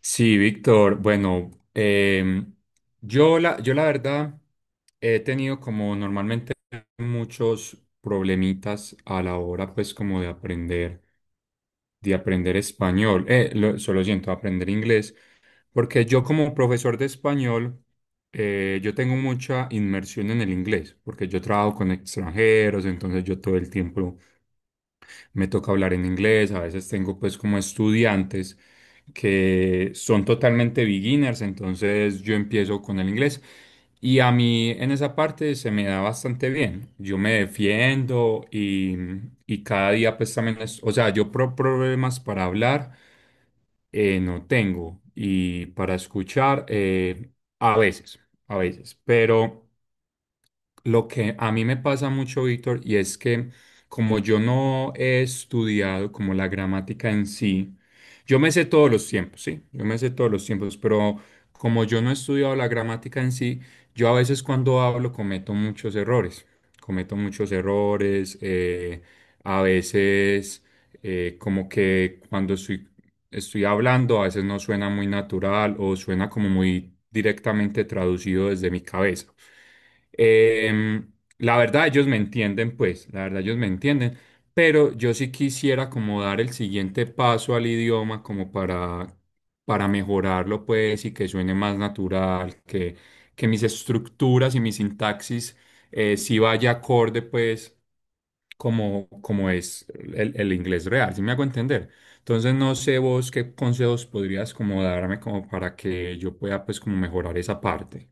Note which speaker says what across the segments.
Speaker 1: Sí, Víctor, bueno, yo la verdad he tenido como normalmente muchos problemitas a la hora pues como de aprender español, solo siento, aprender inglés, porque yo como profesor de español, yo tengo mucha inmersión en el inglés, porque yo trabajo con extranjeros, entonces yo todo el tiempo me toca hablar en inglés. A veces tengo pues como estudiantes que son totalmente beginners, entonces yo empiezo con el inglés y a mí en esa parte se me da bastante bien. Yo me defiendo y cada día pues también es, o sea, yo problemas para hablar no tengo, y para escuchar a veces, a veces, pero... Lo que a mí me pasa mucho, Víctor, y es que como yo no he estudiado como la gramática en sí, yo me sé todos los tiempos, sí, yo me sé todos los tiempos, pero como yo no he estudiado la gramática en sí, yo a veces cuando hablo cometo muchos errores, cometo muchos errores. A veces, como que cuando estoy, estoy hablando, a veces no suena muy natural o suena como muy directamente traducido desde mi cabeza. Em, la verdad, ellos me entienden, pues, la verdad, ellos me entienden, pero yo sí quisiera como dar el siguiente paso al idioma como para mejorarlo, pues, y que suene más natural, que mis estructuras y mi sintaxis sí vaya acorde, pues, como, como es el inglés real. ¿Sí me hago entender? Entonces no sé vos qué consejos podrías como darme como para que yo pueda pues como mejorar esa parte.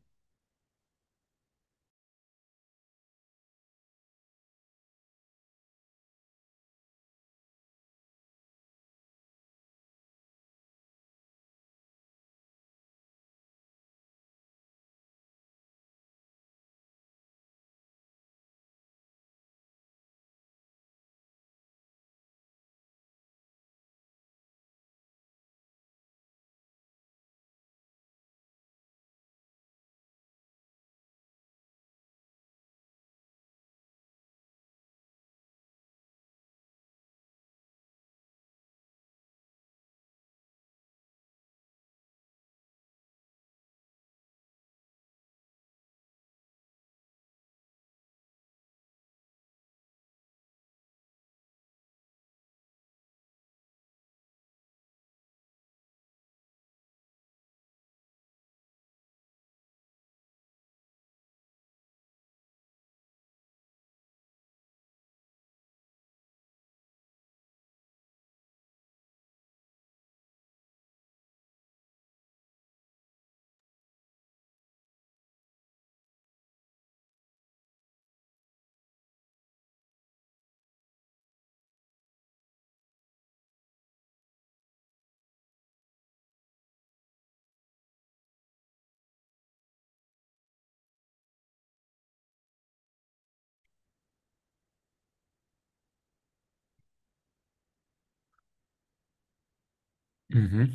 Speaker 1: Ujú.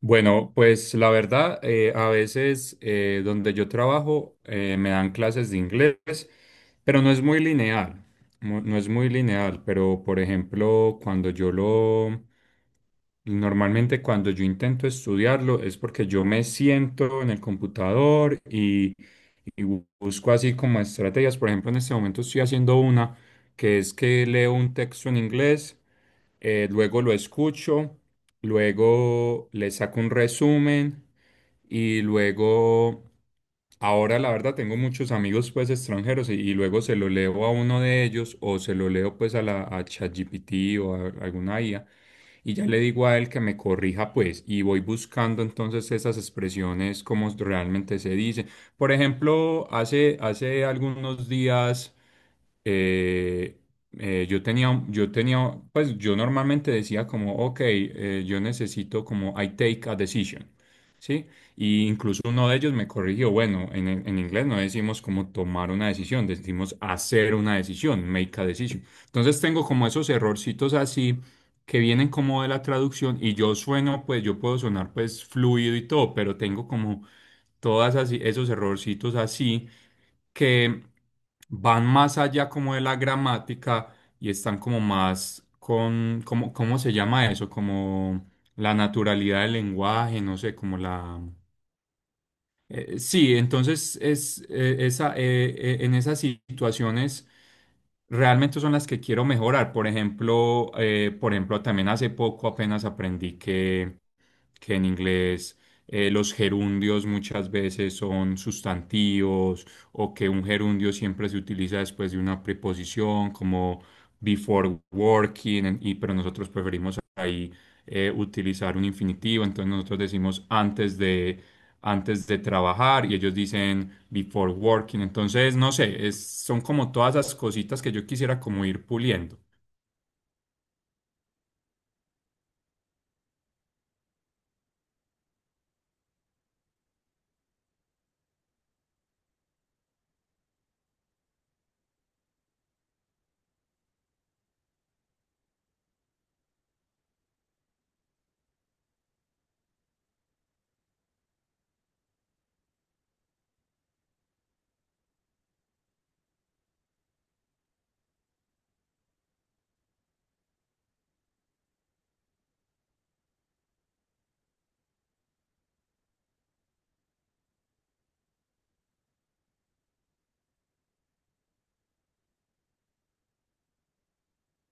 Speaker 1: Bueno, pues la verdad, a veces donde yo trabajo me dan clases de inglés, pero no es muy lineal, no es muy lineal, pero por ejemplo, normalmente cuando yo intento estudiarlo es porque yo me siento en el computador y busco así como estrategias. Por ejemplo, en este momento estoy haciendo una que es que leo un texto en inglés, luego lo escucho, luego le saco un resumen y luego, ahora la verdad tengo muchos amigos pues extranjeros y luego se lo leo a uno de ellos o se lo leo pues a la a ChatGPT o a alguna IA, y ya le digo a él que me corrija, pues, y voy buscando entonces esas expresiones como realmente se dicen. Por ejemplo, hace, hace algunos días eh, yo tenía, pues yo normalmente decía como, ok, yo necesito como I take a decision, ¿sí? Y incluso uno de ellos me corrigió, bueno, en inglés no decimos como tomar una decisión, decimos hacer una decisión, make a decision. Entonces tengo como esos errorcitos así que vienen como de la traducción y yo sueno, pues yo puedo sonar pues fluido y todo, pero tengo como todas así, esos errorcitos así que van más allá como de la gramática y están como más con, como, ¿cómo se llama eso? Como la naturalidad del lenguaje, no sé, como la... sí, en esas situaciones realmente son las que quiero mejorar. Por ejemplo, también hace poco apenas aprendí que en inglés los gerundios muchas veces son sustantivos o que un gerundio siempre se utiliza después de una preposición como before working, pero nosotros preferimos ahí utilizar un infinitivo, entonces nosotros decimos antes de trabajar y ellos dicen before working. Entonces no sé, son como todas esas cositas que yo quisiera como ir puliendo.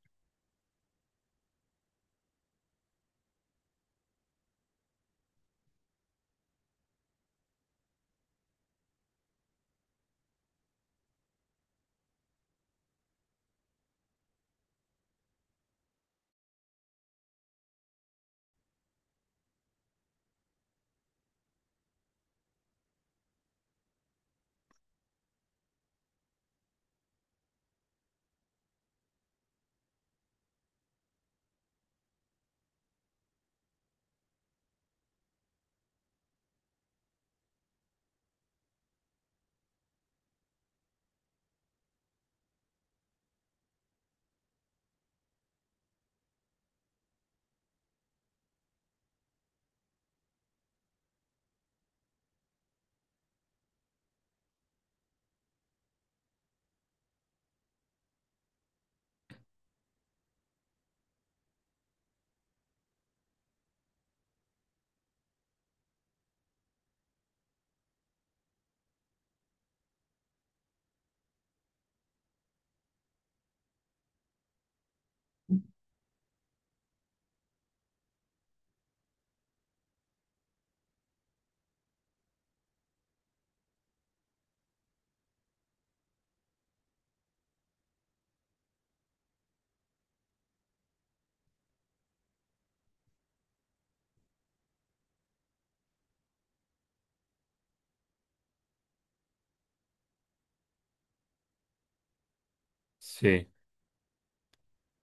Speaker 1: Sí,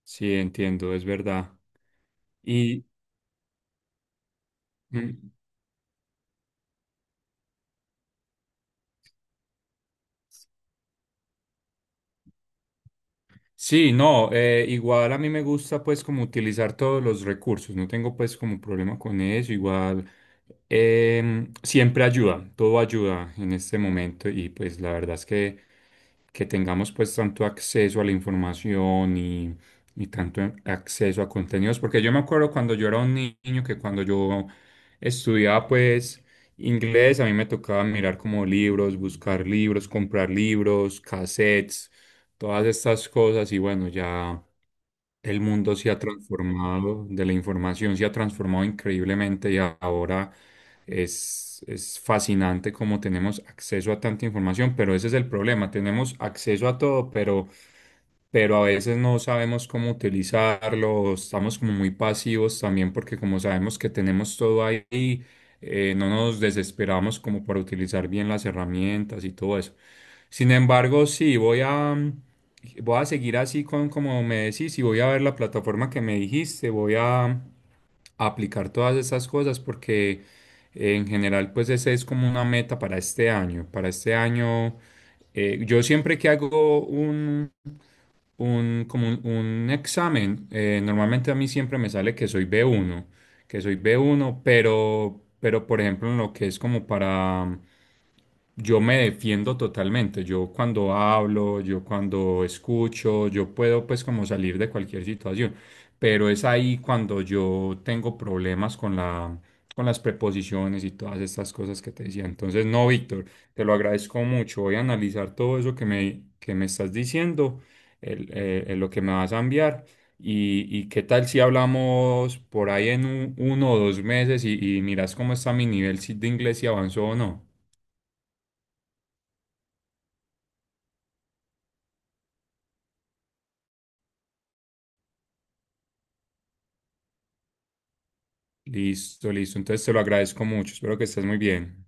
Speaker 1: sí, entiendo, es verdad. Y, mm, Sí, no, igual a mí me gusta pues como utilizar todos los recursos, no tengo pues como problema con eso. Igual siempre ayuda, todo ayuda en este momento, y pues la verdad es que tengamos pues tanto acceso a la información y tanto acceso a contenidos, porque yo me acuerdo cuando yo era un niño que cuando yo estudiaba pues inglés, a mí me tocaba mirar como libros, buscar libros, comprar libros, cassettes, todas estas cosas. Y bueno, ya el mundo se ha transformado, de la información se ha transformado increíblemente, y ahora es fascinante cómo tenemos acceso a tanta información, pero ese es el problema, tenemos acceso a todo, pero a veces no sabemos cómo utilizarlo. Estamos como muy pasivos también porque como sabemos que tenemos todo ahí, no nos desesperamos como para utilizar bien las herramientas y todo eso. Sin embargo, sí, voy a, voy a seguir así con como me decís, y voy a ver la plataforma que me dijiste. Voy a aplicar todas esas cosas porque en general pues esa es como una meta para este año. Para este año, yo siempre que hago un, como un examen, normalmente a mí siempre me sale que soy B1, que soy B1. Pero por ejemplo en lo que es como para... Yo me defiendo totalmente, yo cuando hablo, yo cuando escucho, yo puedo pues como salir de cualquier situación, pero es ahí cuando yo tengo problemas con la, con las preposiciones y todas estas cosas que te decía. Entonces, no, Víctor, te lo agradezco mucho, voy a analizar todo eso que me estás diciendo lo que me vas a enviar. Y qué tal si hablamos por ahí en uno o dos meses, y miras cómo está mi nivel de inglés, si avanzó o no. Listo, listo. Entonces te lo agradezco mucho. Espero que estés muy bien.